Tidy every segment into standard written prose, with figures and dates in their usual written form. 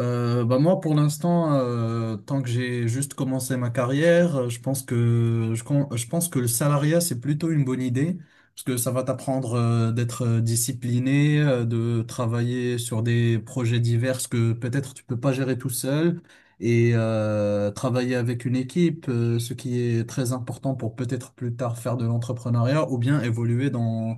Bah moi, pour l'instant, tant que j'ai juste commencé ma carrière, je pense que je pense que le salariat, c'est plutôt une bonne idée, parce que ça va t'apprendre d'être discipliné, de travailler sur des projets divers que peut-être tu peux pas gérer tout seul, et travailler avec une équipe, ce qui est très important pour peut-être plus tard faire de l'entrepreneuriat ou bien évoluer dans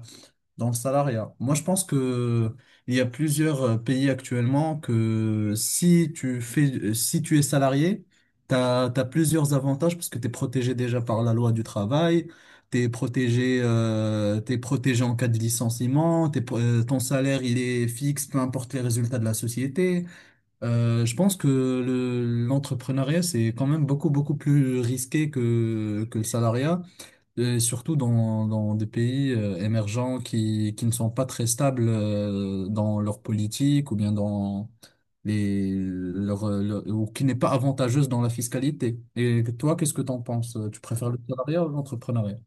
le salariat. Moi, je pense que il y a plusieurs pays actuellement que si tu es salarié, t'as plusieurs avantages parce que t'es protégé déjà par la loi du travail, t'es protégé en cas de licenciement, ton salaire il est fixe, peu importe les résultats de la société. Je pense que l'entrepreneuriat c'est quand même beaucoup beaucoup plus risqué que le salariat. Et surtout dans des pays émergents qui ne sont pas très stables dans leur politique ou bien dans ou qui n'est pas avantageuse dans la fiscalité. Et toi, qu'est-ce que tu en penses? Tu préfères le salariat ou l'entrepreneuriat?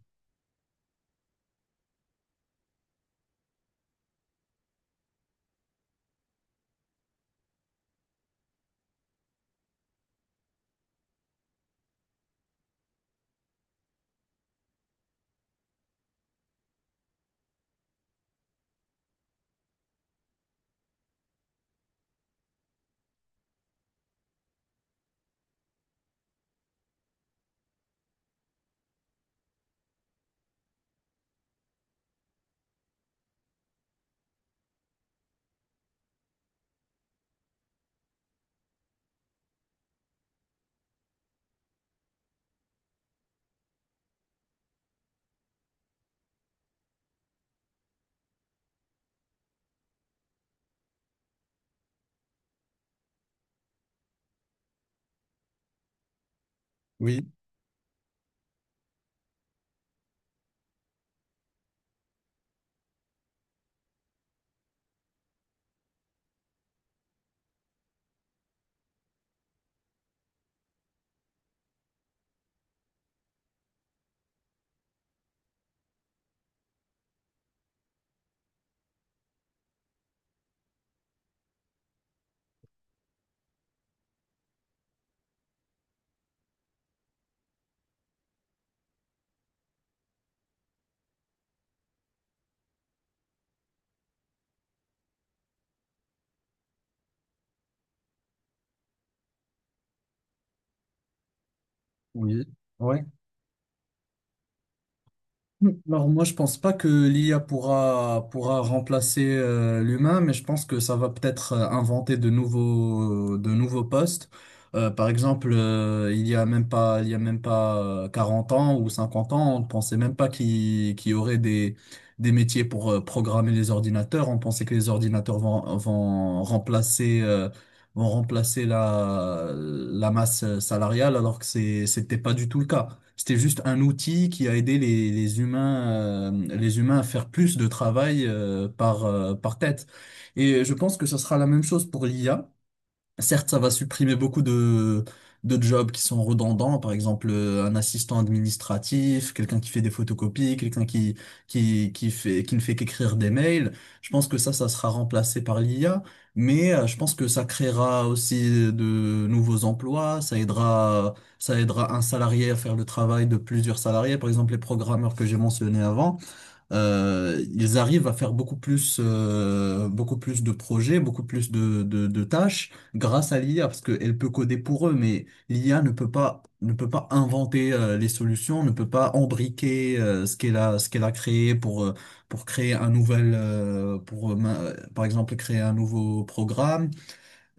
Oui, oui. Ouais. Alors moi je pense pas que l'IA pourra remplacer l'humain, mais je pense que ça va peut-être inventer de nouveaux postes. Par exemple, il y a même pas il y a même pas 40 ans ou 50 ans, on ne pensait même pas qu'il y aurait des métiers pour programmer les ordinateurs. On pensait que les ordinateurs vont remplacer la masse salariale, alors que c'était pas du tout le cas. C'était juste un outil qui a aidé les humains à faire plus de travail par tête. Et je pense que ce sera la même chose pour l'IA. Certes, ça va supprimer beaucoup de jobs qui sont redondants, par exemple un assistant administratif, quelqu'un qui fait des photocopies, quelqu'un qui ne fait qu'écrire des mails. Je pense que ça sera remplacé par l'IA, mais je pense que ça créera aussi de nouveaux emplois, ça aidera un salarié à faire le travail de plusieurs salariés, par exemple les programmeurs que j'ai mentionnés avant ils arrivent à faire beaucoup plus de projets, beaucoup plus de tâches grâce à l'IA, parce qu'elle peut coder pour eux, mais l'IA ne peut pas inventer les solutions, ne peut pas embriquer ce qu'elle a créé pour créer un nouvel, pour, ma- par exemple, créer un nouveau programme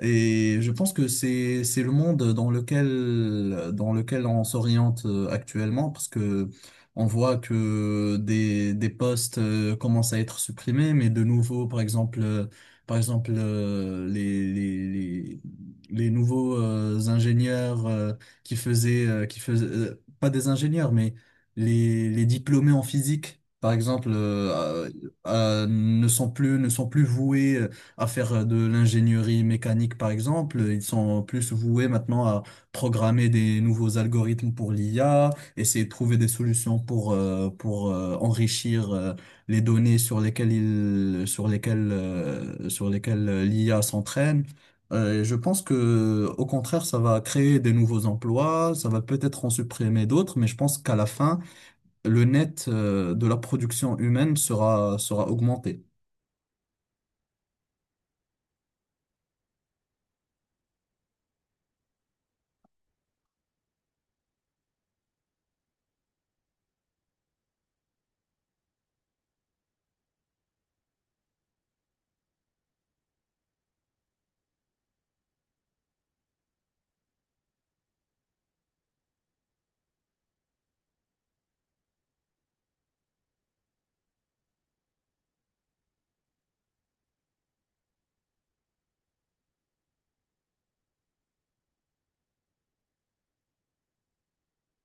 et je pense que c'est le monde dans lequel on s'oriente actuellement parce que on voit que des postes commencent à être supprimés mais de nouveau par exemple les nouveaux ingénieurs qui faisaient pas des ingénieurs mais les diplômés en physique par exemple ne sont plus voués à faire de l'ingénierie mécanique, par exemple. Ils sont plus voués maintenant à programmer des nouveaux algorithmes pour l'IA, essayer de trouver des solutions pour enrichir les données sur lesquelles ils sur lesquelles, sur lesquelles l'IA s'entraîne. Et je pense que, au contraire, ça va créer des nouveaux emplois, ça va peut-être en supprimer d'autres, mais je pense qu'à la fin, le net, de la production humaine sera augmenté.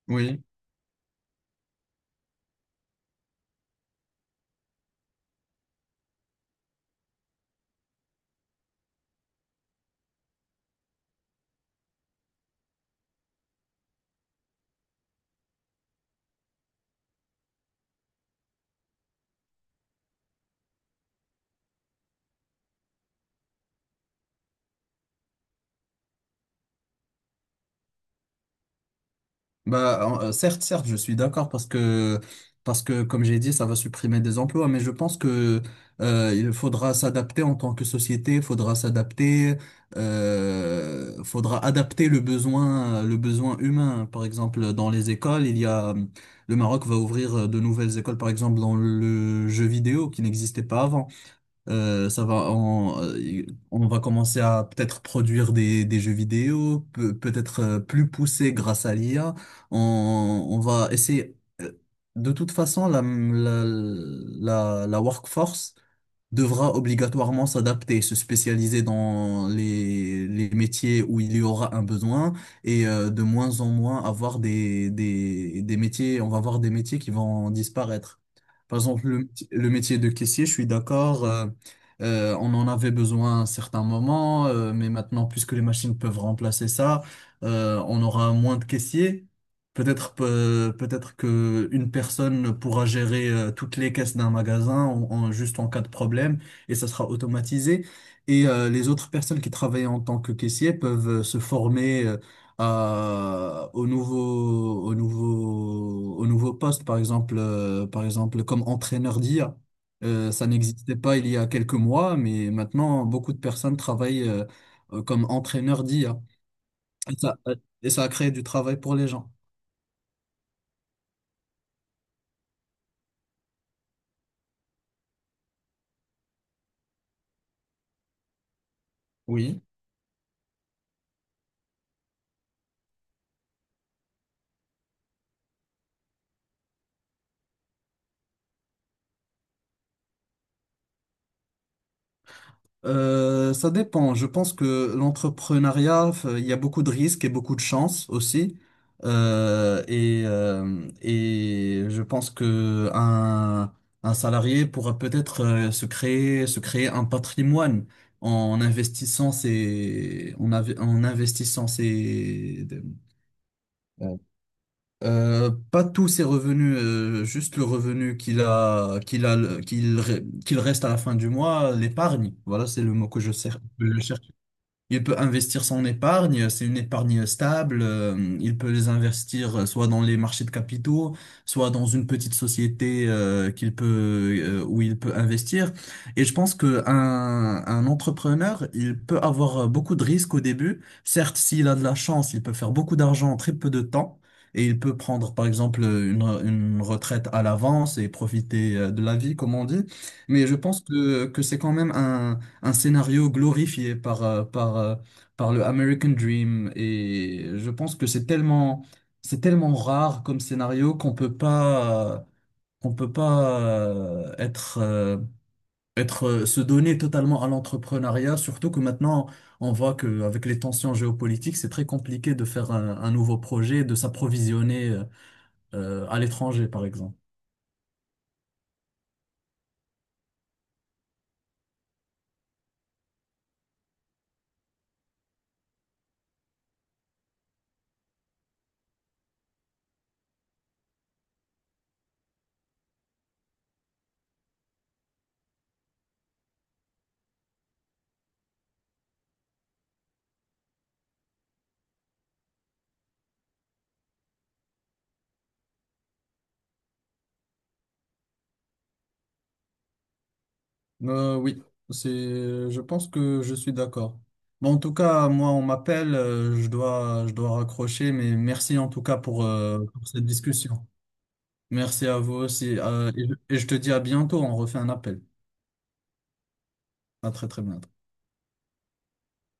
Oui. Bah, certes, je suis d'accord parce que, comme j'ai dit, ça va supprimer des emplois, mais je pense que, il faudra s'adapter en tant que société, faudra adapter le besoin humain. Par exemple, dans les écoles, le Maroc va ouvrir de nouvelles écoles, par exemple, dans le jeu vidéo qui n'existait pas avant. Euh, ça va, on, euh, on va commencer à peut-être produire des jeux vidéo, peut-être plus poussés grâce à l'IA. On, on va essayer. euh, De toute façon, la workforce, devra obligatoirement s'adapter, se spécialiser dans les métiers où il y aura un besoin et de moins en moins avoir des métiers, on va avoir des métiers qui vont disparaître. Par exemple, le métier de caissier, je suis d'accord, on en avait besoin à un certain moment, mais maintenant, puisque les machines peuvent remplacer ça, on aura moins de caissiers. Peut-être que une personne pourra gérer toutes les caisses d'un magasin juste en cas de problème et ça sera automatisé. Et les autres personnes qui travaillent en tant que caissier peuvent se former à, au nouveau au nouveau au nouveau poste par exemple comme entraîneur d'IA. Ça n'existait pas il y a quelques mois, mais maintenant beaucoup de personnes travaillent comme entraîneur d'IA. Et ça, et ça a créé du travail pour les gens. Oui. Ça dépend. Je pense que l'entrepreneuriat, il y a beaucoup de risques et beaucoup de chances aussi. Et je pense que un salarié pourra peut-être se créer un patrimoine en investissant ses, en, av- en investissant ses, pas tous ses revenus, juste le revenu qu'il a, qu'il a, qu'il, re- qu'il reste à la fin du mois, l'épargne. Voilà, c'est le mot que je cherche. Il peut investir son épargne, c'est une épargne stable, il peut les investir soit dans les marchés de capitaux, soit dans une petite société qu'il peut où il peut investir. Et je pense que un entrepreneur, il peut avoir beaucoup de risques au début. Certes, s'il a de la chance, il peut faire beaucoup d'argent en très peu de temps. Et il peut prendre, par exemple, une retraite à l'avance et profiter de la vie, comme on dit. Mais je pense que c'est quand même un scénario glorifié par le American Dream. Et je pense que c'est tellement rare comme scénario qu'on peut pas se donner totalement à l'entrepreneuriat, surtout que maintenant, on voit qu'avec les tensions géopolitiques, c'est très compliqué de faire un nouveau projet, de s'approvisionner à l'étranger, par exemple. Oui, c'est, je pense que je suis d'accord. Bon, en tout cas, moi, on m'appelle, je dois raccrocher, mais merci en tout cas pour cette discussion. Merci à vous aussi, et je te dis à bientôt, on refait un appel. À très très bientôt.